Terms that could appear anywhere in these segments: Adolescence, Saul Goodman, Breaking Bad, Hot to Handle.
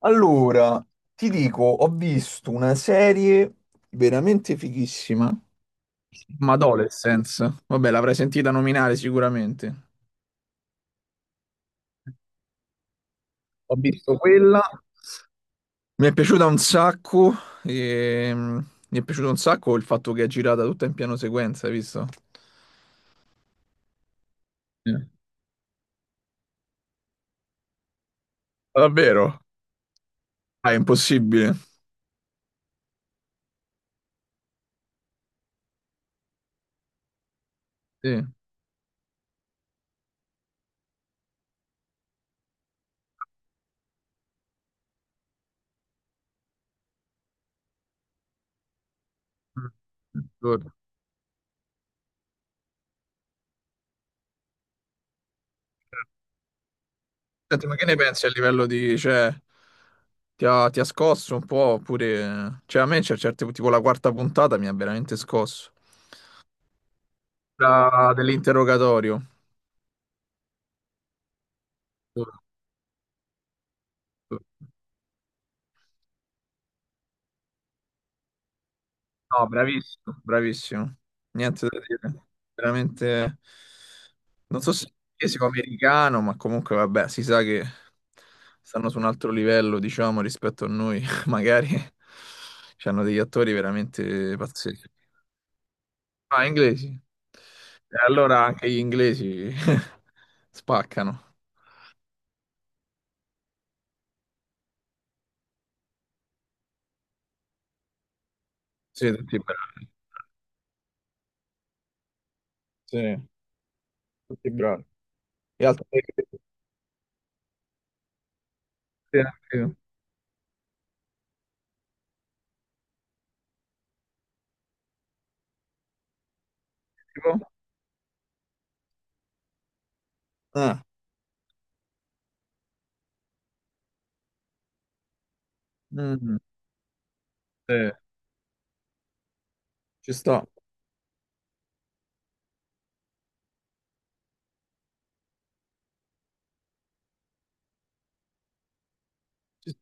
Allora, ti dico, ho visto una serie veramente fighissima, ma Adolescence. Vabbè, l'avrai sentita nominare sicuramente. Ho visto quella, mi è piaciuta un sacco, e, mi è piaciuto un sacco il fatto che è girata tutta in piano sequenza, hai visto? Sì. Davvero? Ah, è impossibile. Sì. Mm. Giuro. Senti, ma che ne pensi a livello di, cioè, ti ha scosso un po', oppure, cioè, a me c'è certe, tipo la quarta puntata mi ha veramente scosso. Dell'interrogatorio. No, bravissimo, bravissimo. Niente da dire. Veramente, non so se è americano, ma comunque, vabbè, si sa che stanno su un altro livello, diciamo, rispetto a noi, magari. C'hanno degli attori veramente pazzeschi. Ah, inglesi. E allora anche gli inglesi spaccano. Sì, tutti bravi. Sì, tutti bravi. E altri, sì, tipo? Ah, mm, sì, ci sto. Ci-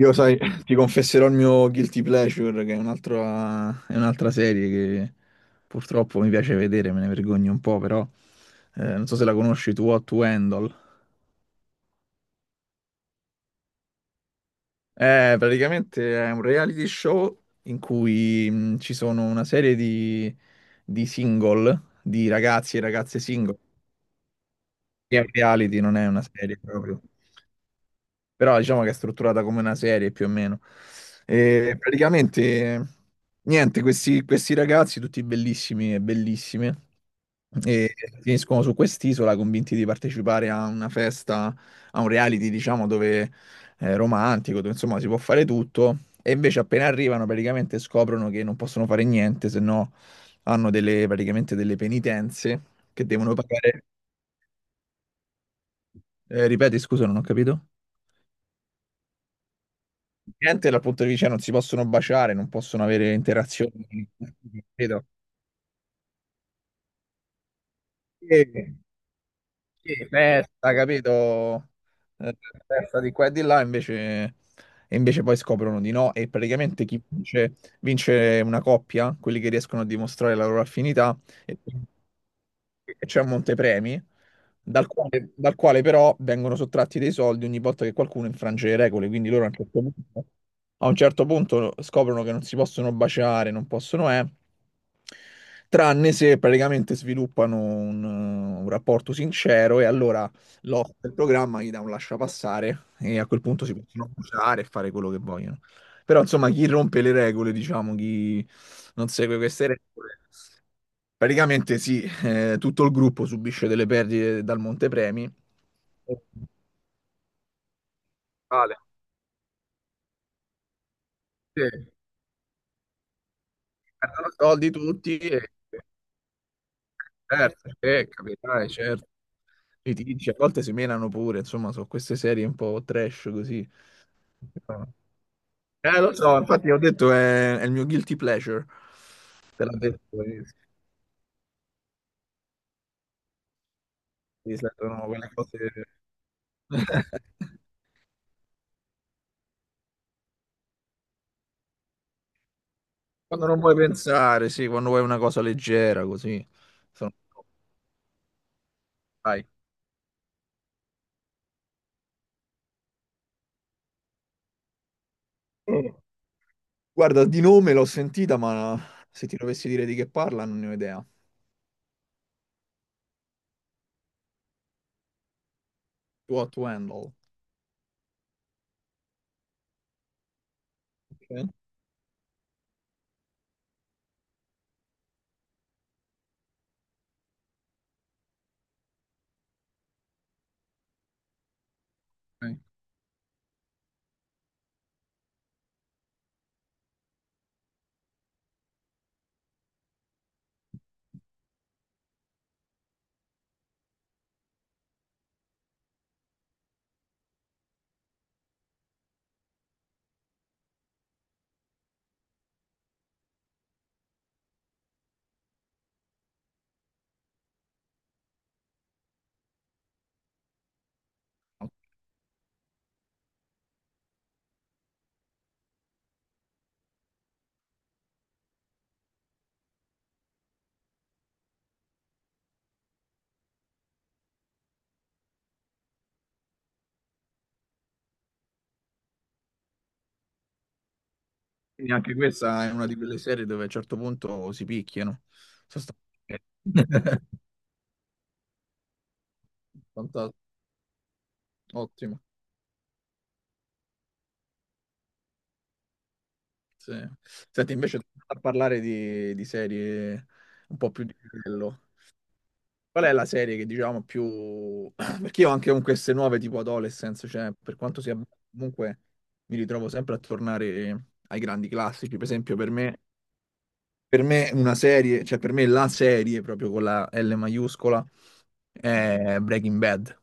Io, sai, ti confesserò il mio Guilty Pleasure, che è un'altra serie che purtroppo mi piace vedere, me ne vergogno un po', però non so se la conosci tu, Hot to Handle. Praticamente è un reality show in cui ci sono una serie di single, di ragazzi e ragazze single. Che È un reality, non è una serie proprio. Però diciamo che è strutturata come una serie più o meno. E praticamente, niente, questi ragazzi, tutti bellissimi e bellissime, e finiscono su quest'isola convinti di partecipare a una festa, a un reality, diciamo, dove è romantico, dove insomma si può fare tutto. E invece appena arrivano praticamente scoprono che non possono fare niente, se no hanno delle, praticamente delle penitenze che devono pagare. Ripeti, scusa, non ho capito. Niente dal punto di vista non si possono baciare, non possono avere interazioni. Capito? Sì. Sì, festa, capito? Eh, Festa di qua e di là, invece, e invece poi scoprono di no. E praticamente chi vince, vince una coppia, quelli che riescono a dimostrare la loro affinità che c'è un montepremi, dal quale però vengono sottratti dei soldi ogni volta che qualcuno infrange le regole, quindi loro a un certo punto scoprono che non si possono baciare, non possono, tranne se praticamente sviluppano un rapporto sincero e allora l'host del programma gli dà un lasciapassare e a quel punto si possono baciare e fare quello che vogliono. Però insomma chi rompe le regole, diciamo, chi non segue queste regole. Praticamente sì, tutto il gruppo subisce delle perdite dal montepremi. Vale. Sì, perdono soldi tutti e certo, capitale, certo. Litigi, a volte si menano pure, insomma, sono queste serie un po' trash così. Lo so, infatti ho detto è il mio guilty pleasure, te l'ho detto, si sentono quelle cose quando non vuoi pensare, sì, quando vuoi una cosa leggera così. Sono. Dai. Guarda, di nome l'ho sentita, ma se ti dovessi dire di che parla non ne ho idea. What to Handle. Ok. Ok. Quindi anche questa è una di quelle serie dove a un certo punto si picchiano. Sostanzialmente. Fantastico, ottimo. Sì. Senti, invece a parlare di, serie un po' più di livello. Qual è la serie che diciamo più. Perché io anche con queste nuove tipo Adolescence, cioè per quanto sia. Comunque mi ritrovo sempre a tornare ai grandi classici. Per me una serie, cioè per me la serie, proprio con la L maiuscola, è Breaking Bad.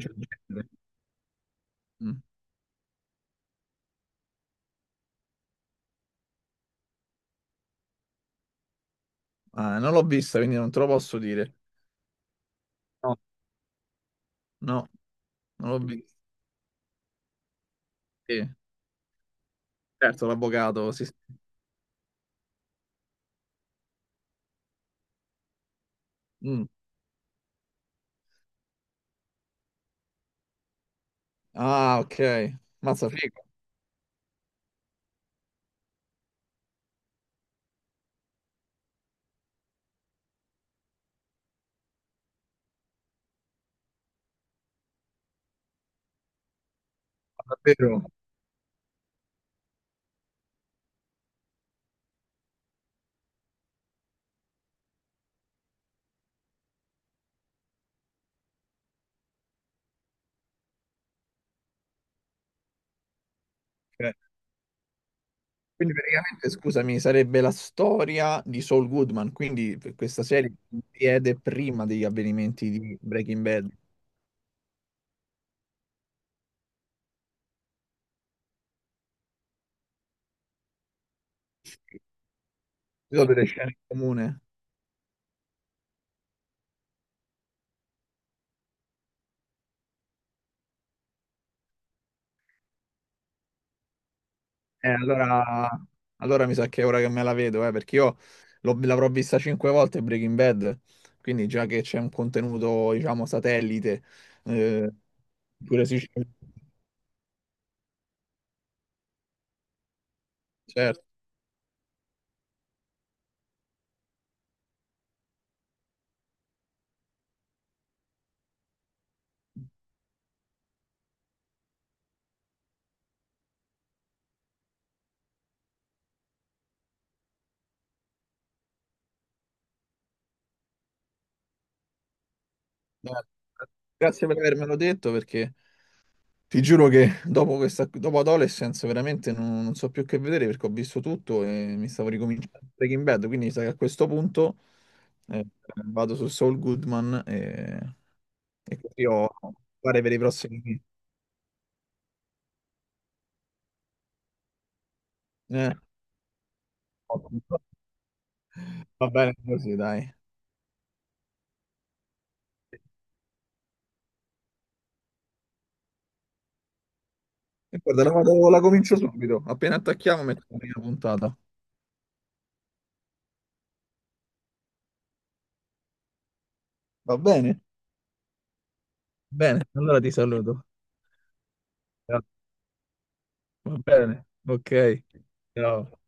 Cioè, mm. Ah, non l'ho vista, quindi non te lo posso dire. No, no, non l'ho vista. Sì. Certo, l'avvocato, sì, sì. Mm. Ah, ok. Mazza figo, ma davvero. Ok. Quindi praticamente, scusami, sarebbe la storia di Saul Goodman, quindi questa serie si vede prima degli avvenimenti di Breaking Bad. Ci sono delle scene in comune. Eh, allora, allora mi sa che è ora che me la vedo, perché io l'avrò vista cinque volte Breaking Bad, quindi già che c'è un contenuto, diciamo, satellite, eh, pure si. Certo. Certo. Eh, grazie per avermelo detto, perché ti giuro che dopo questa, dopo Adolescence veramente non so più che vedere, perché ho visto tutto e mi stavo ricominciando Breaking Bad, quindi mi sa che a questo punto eh, vado su Saul Goodman e così ho fare per i prossimi. Eh, ottimo. Va bene così, dai. E guarda, la comincio subito. Appena attacchiamo, metto la prima puntata. Va bene? Bene, allora ti saluto. Grazie. Va bene, ok. Ciao.